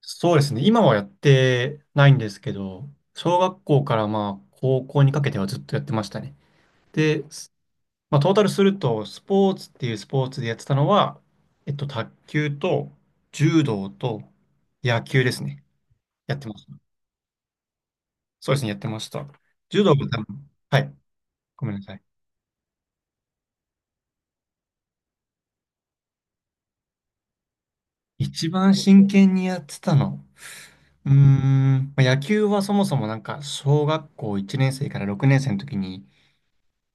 そうですね。今はやってないんですけど、小学校からまあ高校にかけてはずっとやってましたね。で、まあ、トータルすると、スポーツっていうスポーツでやってたのは、卓球と柔道と野球ですね。やってました。そうですね、やってました。柔道が多分、はい、ごめんなさい。一番真剣にやってたの。うーん、まあ、野球はそもそもなんか小学校1年生から6年生の時に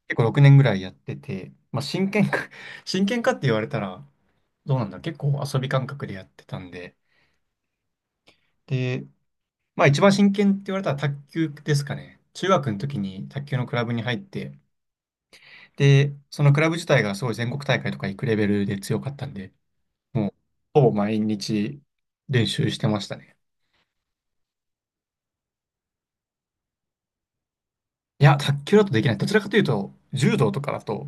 結構6年ぐらいやってて、まあ、真剣か 真剣かって言われたら、どうなんだろう、結構遊び感覚でやってたんで、まあ一番真剣って言われたら卓球ですかね。中学の時に卓球のクラブに入って、で、そのクラブ自体がすごい全国大会とか行くレベルで強かったんで、もうほぼ毎日練習してましたね。いや、卓球だとできない。どちらかというと、柔道とかだと、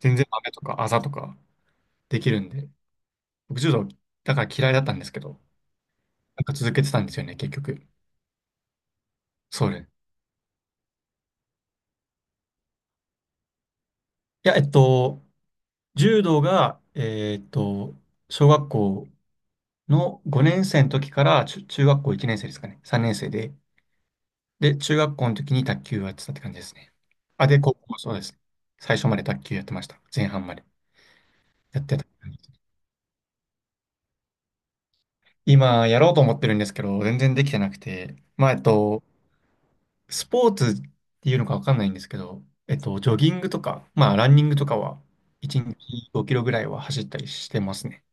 全然雨とかあざとかできるんで、僕柔道だから嫌いだったんですけど、なんか続けてたんですよね、結局。そうね。いや、柔道が、小学校の5年生の時から中学校1年生ですかね。3年生で。で、中学校の時に卓球をやってたって感じですね。あ、で、高校、そうですね。最初まで卓球やってました。前半まで。やってた感じです。今、やろうと思ってるんですけど、全然できてなくて。まあ、スポーツっていうのかわかんないんですけど、ジョギングとか、まあ、ランニングとかは、1日5キロぐらいは走ったりしてますね。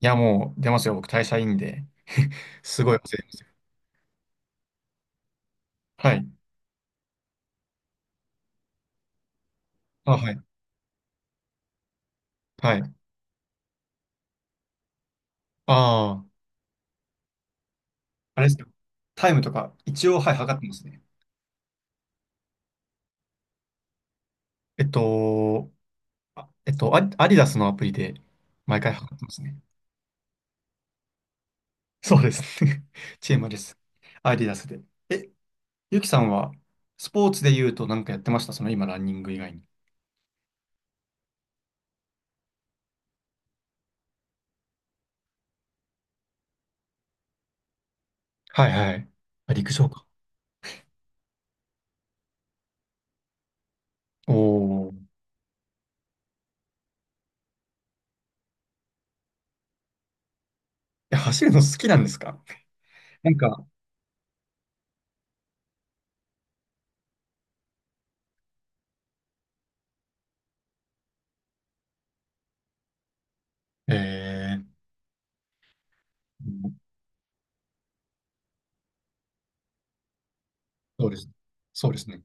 いや、もう出ますよ。僕、代謝いいんで。すごい忘れてますよ。はい。あ、はい。はい。ああ、あれですよ。タイムとか、一応、はい、測ってますね。えっと、アディダスのアプリで、毎回測ってますね。そうですね。チームです。アディダスで。え、ゆきさんは、スポーツで言うと何かやってました？その、今、ランニング以外に。はいはい。あ、陸上か。おお。え、走るの好きなんですか？なんか、えー、そうです。そうですね。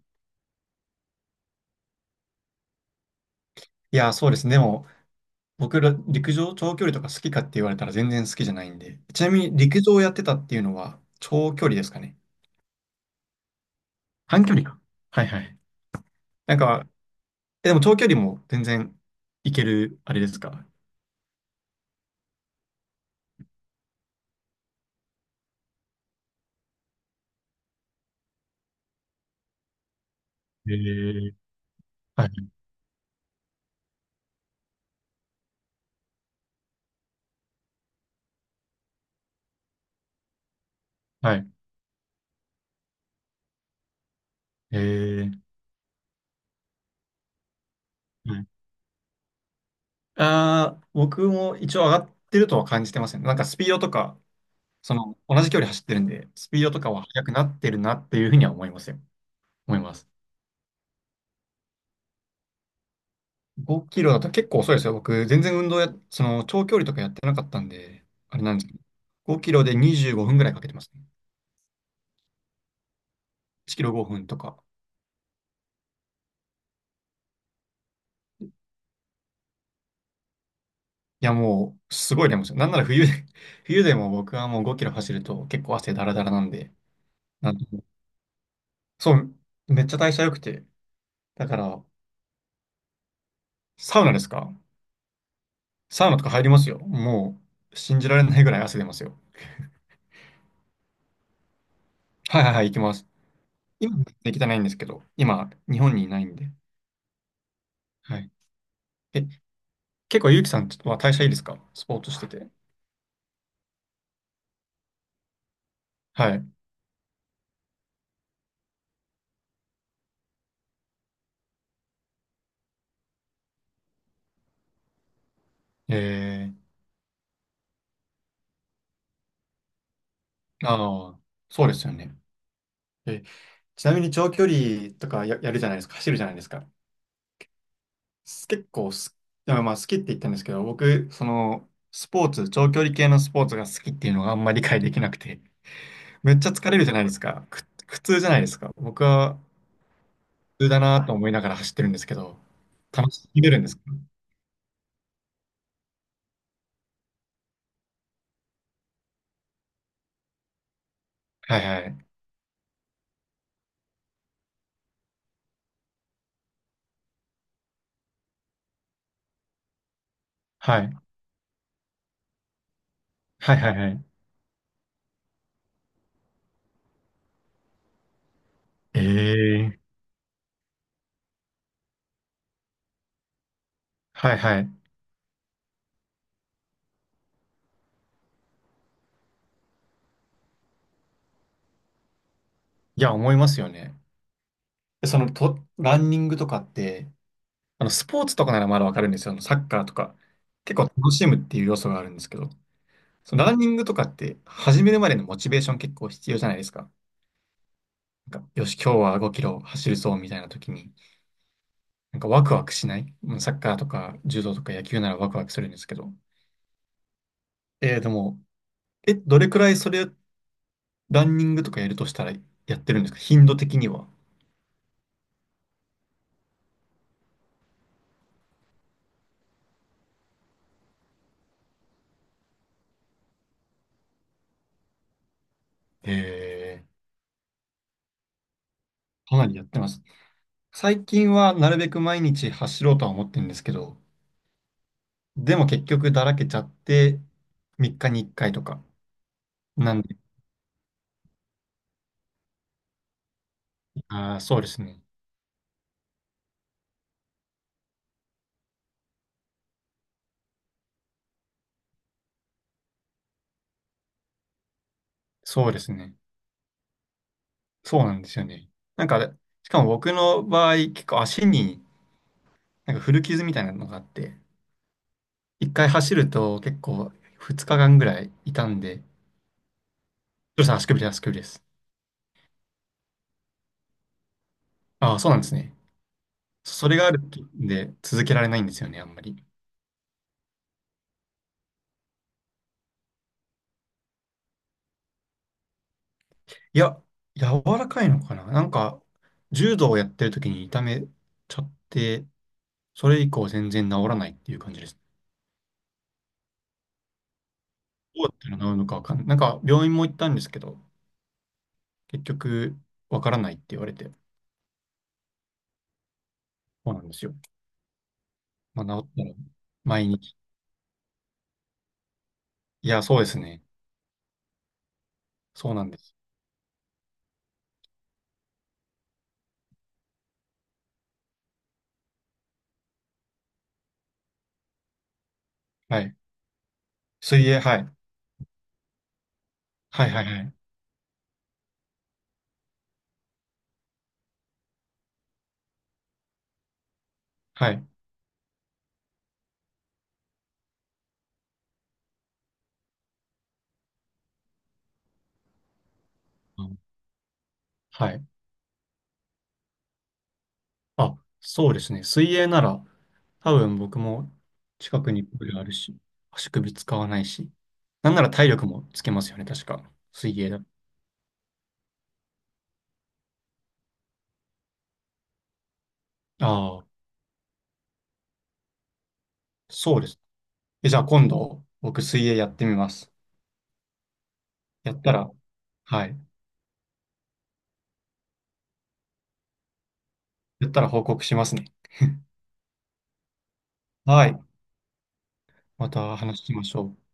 いや、そうですね。でも、僕ら、陸上長距離とか好きかって言われたら全然好きじゃないんで。ちなみに、陸上をやってたっていうのは、長距離ですかね。短距離か。はいはい。なんか、え、でも長距離も全然いける、あれですか？えー、はい、はい、えー、はい、ああ、僕も一応上がってるとは感じてますね。なんかスピードとか、その、同じ距離走ってるんで、スピードとかは速くなってるなっていうふうには思いますよ。思います。5キロだと結構遅いですよ。僕、全然運動その長距離とかやってなかったんで、あれなんですけど、5キロで25分ぐらいかけてますね。1キロ5分とか。いや、もう、すごい眠いですよ。なんなら冬で、冬でも僕はもう5キロ走ると結構汗だらだらなんで、なんとそう、めっちゃ代謝良くて。だから、サウナですか？サウナとか入りますよ。もう、信じられないぐらい汗出ますよ。はいはいはい、行きます。今、できてないんですけど、今、日本にいないんで。はい。え、結構、ゆうきさんは代謝いいですか？スポーツしてて。はい。えああ、そうですよね。え、ちなみに長距離とかやるじゃないですか。走るじゃないですか。結構まあ、好きって言ったんですけど、僕、その、スポーツ、長距離系のスポーツが好きっていうのがあんまり理解できなくて、めっちゃ疲れるじゃないですか。苦痛じゃないですか。僕は苦痛だなと思いながら走ってるんですけど、楽しめるんですか？はいはい。はい。はいはいはい。ええはいはい。いや、思いますよね。そのと、ランニングとかって、あの、スポーツとかならまだわかるんですよ。あの、サッカーとか。結構楽しむっていう要素があるんですけど、そのランニングとかって、始めるまでのモチベーション結構必要じゃないですか。なんか、よし、今日は5キロ走るぞ、みたいな時に、なんかワクワクしない。うん、サッカーとか柔道とか野球ならワクワクするんですけど。でも、え、どれくらいそれ、ランニングとかやるとしたらやってるんですか？頻度的には。えかなりやってます。最近はなるべく毎日走ろうとは思ってるんですけど、でも結局だらけちゃって、3日に1回とか。なんで、ああ、そうですね。そうですね。そうなんですよね。なんか、しかも僕の場合、結構足になんか古傷みたいなのがあって、1回走ると結構2日間ぐらい痛んで、それさん足首です、足首です。ああ、そうなんですね。それがあるんで続けられないんですよね、あんまり。いや、柔らかいのかななんか、柔道をやってる時に痛めちゃって、それ以降全然治らないっていう感じです。どうやったら治るのかわかんない。なんか病院も行ったんですけど、結局わからないって言われて、そうなんですよ。まあ、治ったら毎日。いや、そうですね。そうなんです。はい。水泳、はい。はいはいはい。はい。うん、はい。あ、そうですね。水泳なら、多分僕も近くにプールあるし、足首使わないし、なんなら体力もつけますよね、確か。水泳だ。ああ、そうです。え、じゃあ今度、僕水泳やってみます。やったら、はい。やったら報告しますね。はい。また話しましょう。